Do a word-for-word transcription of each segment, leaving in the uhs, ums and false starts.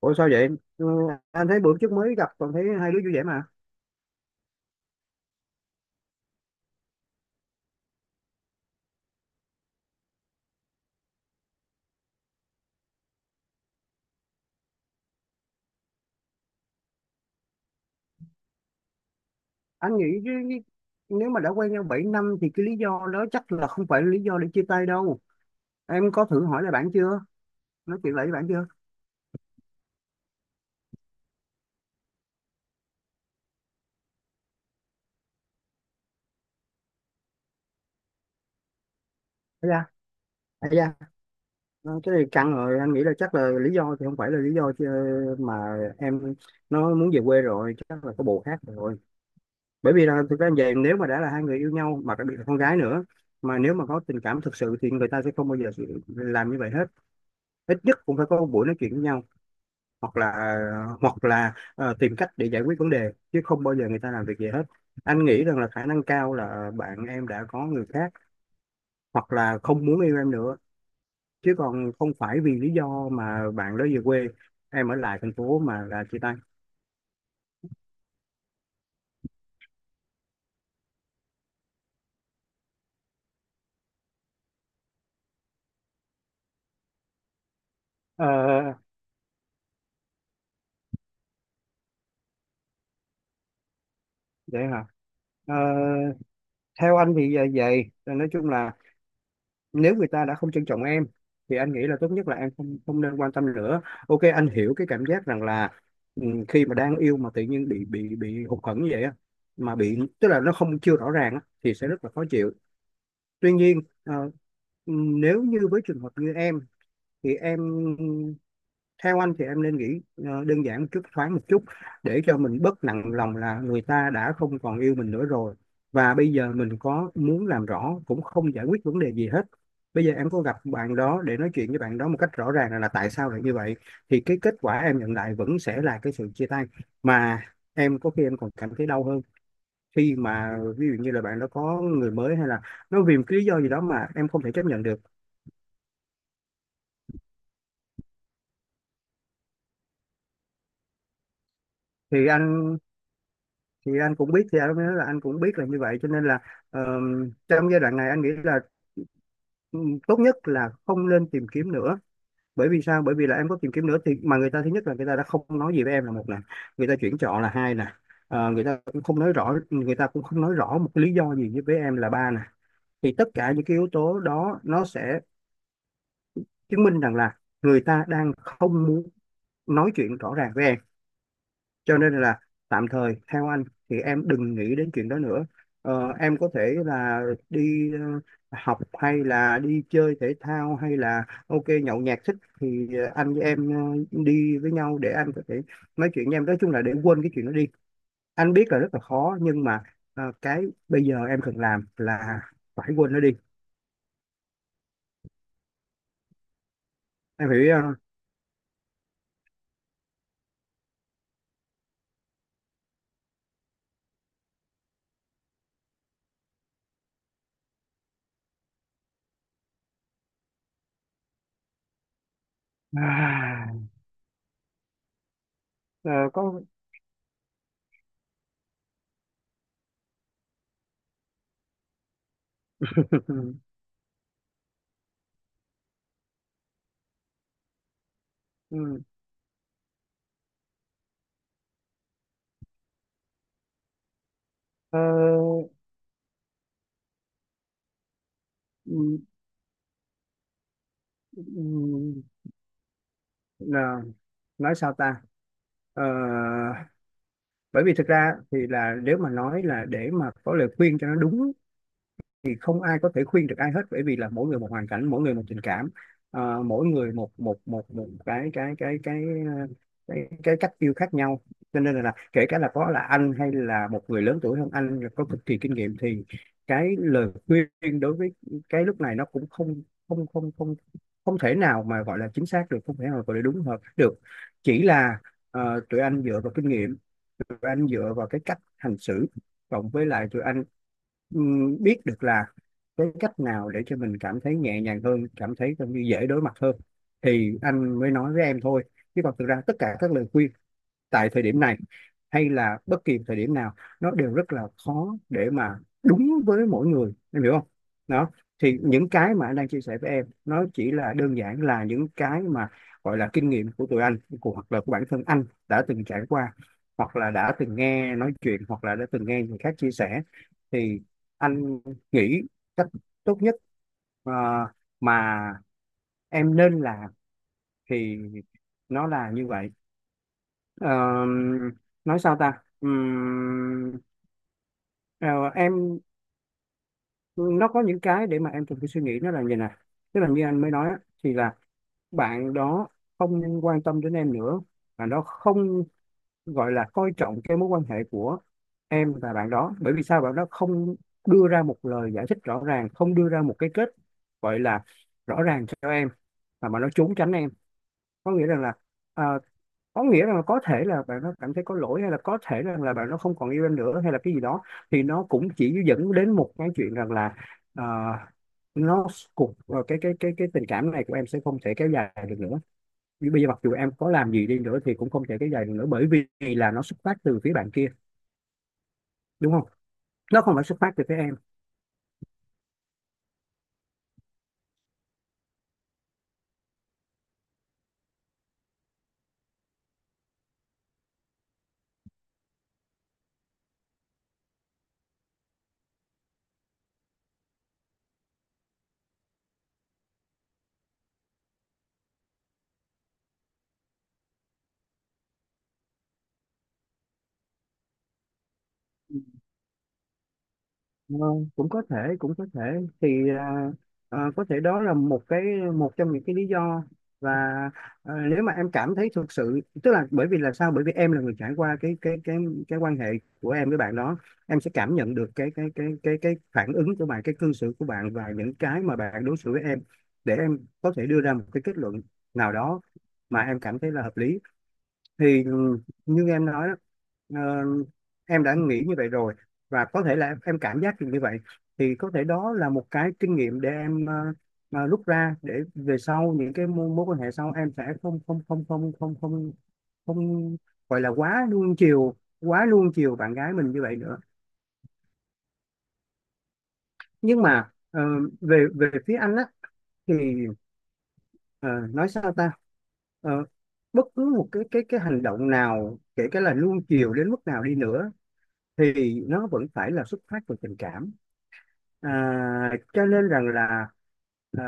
Ủa sao vậy? Ừ, anh thấy bữa trước mới gặp còn thấy hai đứa vui vẻ mà. Anh nghĩ chứ nếu mà đã quen nhau bảy năm thì cái lý do đó chắc là không phải là lý do để chia tay đâu. Em có thử hỏi lại bạn chưa? Nói chuyện lại với bạn chưa? Thấy ra, thấy ra. Ờ, cái này căng rồi, anh nghĩ là chắc là lý do thì không phải là lý do chứ, mà em nó muốn về quê rồi, chắc là có bồ khác rồi. Bởi vì là thực ra về nếu mà đã là hai người yêu nhau mà đặc biệt là con gái nữa mà nếu mà có tình cảm thực sự thì người ta sẽ không bao giờ làm như vậy hết. Ít nhất cũng phải có một buổi nói chuyện với nhau hoặc là hoặc là ờ, tìm cách để giải quyết vấn đề chứ không bao giờ người ta làm việc gì hết. Anh nghĩ rằng là khả năng cao là bạn em đã có người khác hoặc là không muốn yêu em nữa, chứ còn không phải vì lý do mà bạn đó về quê, em ở lại thành phố mà là chia tay. Ờ, vậy hả? Ờ, theo anh thì vậy vậy nói chung là nếu người ta đã không trân trọng em thì anh nghĩ là tốt nhất là em không không nên quan tâm nữa. Ok, anh hiểu cái cảm giác rằng là ừ, khi mà đang yêu mà tự nhiên bị bị bị hụt hẫng như vậy á, mà bị tức là nó không chưa rõ ràng á, thì sẽ rất là khó chịu. Tuy nhiên ờ, ừ, nếu như với trường hợp như em thì em, theo anh thì em nên nghĩ ờ, đơn giản một chút, thoáng một chút, để cho mình bớt nặng lòng là người ta đã không còn yêu mình nữa rồi, và bây giờ mình có muốn làm rõ cũng không giải quyết vấn đề gì hết. Bây giờ em có gặp bạn đó để nói chuyện với bạn đó một cách rõ ràng là, là tại sao lại như vậy, thì cái kết quả em nhận lại vẫn sẽ là cái sự chia tay, mà em có khi em còn cảm thấy đau hơn khi mà ví dụ như là bạn đó có người mới, hay là nó vì một cái lý do gì đó mà em không thể chấp nhận được. Thì anh thì anh cũng biết, thì anh mới nói là anh cũng biết là như vậy, cho nên là ờ, trong giai đoạn này anh nghĩ là ừ, tốt nhất là không nên tìm kiếm nữa. Bởi vì sao? Bởi vì là em có tìm kiếm nữa thì mà người ta, thứ nhất là người ta đã không nói gì với em là một nè, người ta chuyển chọn là hai nè, Ờ, người ta cũng không nói rõ, người ta cũng không nói rõ một cái lý do gì với em là ba nè, thì tất cả những cái yếu tố đó nó sẽ chứng minh rằng là người ta đang không muốn nói chuyện rõ ràng với em. Cho nên là tạm thời theo anh thì em đừng nghĩ đến chuyện đó nữa. Ờ, em có thể là đi ờ, học, hay là đi chơi thể thao, hay là ok nhậu nhẹt thích thì ờ, anh với em ờ, đi với nhau để anh có thể nói chuyện với em, nói chung là để quên cái chuyện đó đi. Anh biết là rất là khó nhưng mà ờ, cái bây giờ em cần làm là phải quên nó đi. Em hiểu ý không? À, ờ, có. Ừ. Ờ, ừ, ừ, là nói sao ta. Ờ, Bởi vì thực ra thì là nếu mà nói là để mà có lời khuyên cho nó đúng thì không ai có thể khuyên được ai hết, bởi vì là mỗi người một hoàn cảnh, mỗi người một tình cảm, ờ, mỗi người một một một một cái cái cái cái ờ, cái, cái cách yêu khác nhau, cho nên là, là kể cả là có là anh hay là một người lớn tuổi hơn anh rồi có cực kỳ kinh nghiệm, thì cái lời khuyên đối với cái lúc này nó cũng không không không không không thể nào mà gọi là chính xác được, không thể nào gọi là đúng hợp được. Chỉ là ờ, tụi anh dựa vào kinh nghiệm, tụi anh dựa vào cái cách hành xử, cộng với lại tụi anh ừm, biết được là cái cách nào để cho mình cảm thấy nhẹ nhàng hơn, cảm thấy coi như dễ đối mặt hơn, thì anh mới nói với em thôi. Chứ còn thực ra tất cả các lời khuyên tại thời điểm này hay là bất kỳ thời điểm nào, nó đều rất là khó để mà đúng với mỗi người. Em hiểu không? Đó, thì những cái mà anh đang chia sẻ với em, nó chỉ là đơn giản là những cái mà gọi là kinh nghiệm của tụi anh, của hoặc là của bản thân anh đã từng trải qua, hoặc là đã từng nghe nói chuyện, hoặc là đã từng nghe người khác chia sẻ. Thì anh nghĩ cách tốt nhất ờ, mà em nên làm thì nó là như vậy. Ờ, nói sao ta. Ừm, ờ, em, nó có những cái để mà em cần phải suy nghĩ, nó là như này: tức là như anh mới nói á, thì là bạn đó không quan tâm đến em nữa, bạn đó không gọi là coi trọng cái mối quan hệ của em và bạn đó. Bởi vì sao? Bạn đó không đưa ra một lời giải thích rõ ràng, không đưa ra một cái kết gọi là rõ ràng cho em, mà bạn nó trốn tránh em, có nghĩa rằng là ờ, có nghĩa rằng là có thể là bạn nó cảm thấy có lỗi, hay là có thể rằng là bạn nó không còn yêu em nữa, hay là cái gì đó, thì nó cũng chỉ dẫn đến một cái chuyện rằng là ờ, nó cuộc ờ, cái cái cái cái tình cảm này của em sẽ không thể kéo dài được nữa. Vì bây giờ mặc dù em có làm gì đi nữa thì cũng không thể kéo dài được nữa, bởi vì là nó xuất phát từ phía bạn kia, đúng không? Nó không phải xuất phát từ phía em. Ờ, Cũng có thể, cũng có thể thì à, à, có thể đó là một cái, một trong những cái lý do. Và à, nếu mà em cảm thấy thực sự, tức là bởi vì là sao, bởi vì em là người trải qua cái cái cái cái quan hệ của em với bạn đó, em sẽ cảm nhận được cái cái cái cái cái phản ứng của bạn, cái cư xử của bạn, và những cái mà bạn đối xử với em, để em có thể đưa ra một cái kết luận nào đó mà em cảm thấy là hợp lý. Thì như em nói đó, ờ, em đã nghĩ như vậy rồi, và có thể là em cảm giác được như vậy, thì có thể đó là một cái kinh nghiệm để em ờ, ờ, rút ra, để về sau những cái mối, mối quan hệ sau em sẽ không không không không không không không gọi là quá nuông chiều, quá nuông chiều bạn gái mình như vậy nữa. Nhưng mà ờ, về về phía anh á, thì ờ, nói sao ta. Ờ, Bất cứ một cái cái cái hành động nào, kể cả là nuông chiều đến mức nào đi nữa, thì nó vẫn phải là xuất phát từ tình cảm. À, cho nên rằng là à,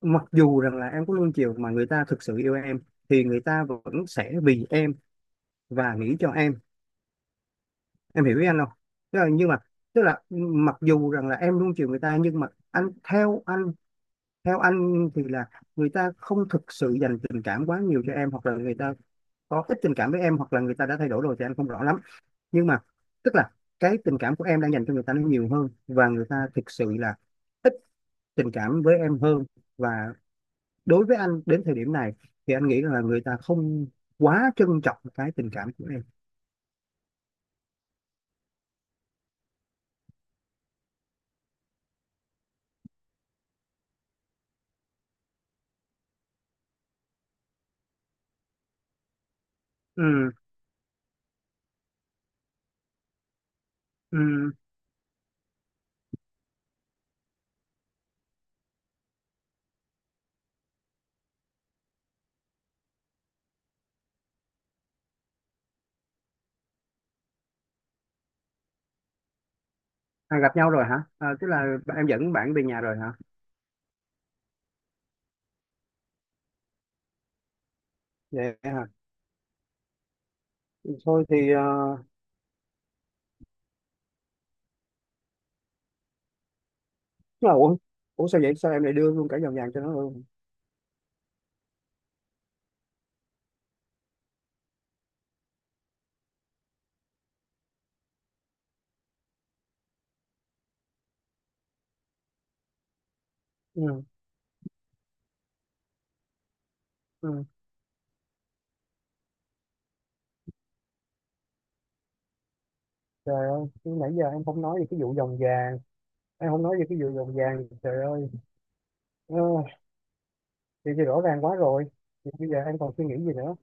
mặc dù rằng là em có luôn chiều, mà người ta thực sự yêu em thì người ta vẫn sẽ vì em và nghĩ cho em. Em hiểu ý anh không? Tức là, nhưng mà tức là, mặc dù rằng là em luôn chiều người ta, nhưng mà anh, theo anh, theo anh thì là người ta không thực sự dành tình cảm quá nhiều cho em, hoặc là người ta có ít tình cảm với em, hoặc là người ta đã thay đổi rồi thì anh không rõ lắm. Nhưng mà tức là cái tình cảm của em đang dành cho người ta nó nhiều hơn, và người ta thực sự là ít tình cảm với em hơn. Và đối với anh, đến thời điểm này, thì anh nghĩ là người ta không quá trân trọng cái tình cảm của em. Ừ. Ừ. à, gặp nhau rồi hả? à, tức là em dẫn bạn về nhà rồi hả? Vậy hả? Thôi thì ờ, tức là ủa, ủa sao vậy? Sao em lại đưa luôn cả vòng vàng cho nó luôn? Ừ. Ừ. Trời ơi, nãy giờ em không nói về cái vụ vòng vàng, em không nói về cái vụ vòng vàng, trời ơi. Ờ, thì, thì, rõ ràng quá rồi, thì bây giờ anh còn suy nghĩ gì nữa,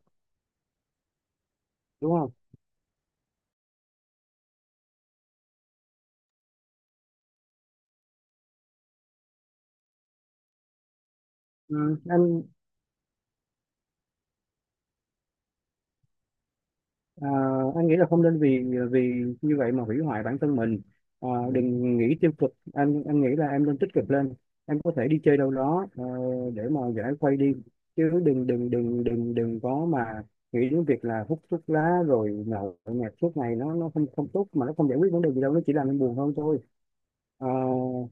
đúng không? ừ, anh, à, anh nghĩ là không nên, vì vì như vậy mà hủy hoại bản thân mình. À, đừng nghĩ tiêu cực, anh anh nghĩ là em nên tích cực lên. Em có thể đi chơi đâu đó ờ, để mà giải khuây đi, chứ đừng đừng đừng đừng đừng có mà nghĩ đến việc là hút thuốc lá rồi nhậu nhẹt suốt ngày, nó nó không không tốt, mà nó không giải quyết vấn đề gì đâu, nó chỉ làm em buồn hơn thôi. Ờ,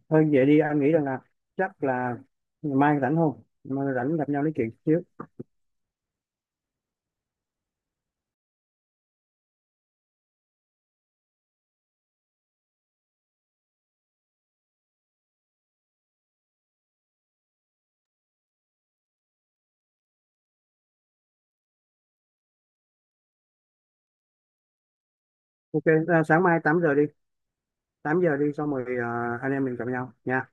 Thôi vậy đi, anh nghĩ rằng là chắc là mai rảnh không, mai rảnh gặp nhau nói chuyện chứ. Ok, à, sáng mai tám giờ đi, tám giờ đi, xong rồi à, anh em mình gặp nhau nha.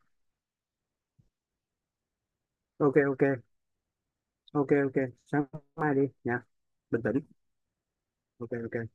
Ok ok, ok ok, sáng mai đi nha. Bình tĩnh. Ok ok.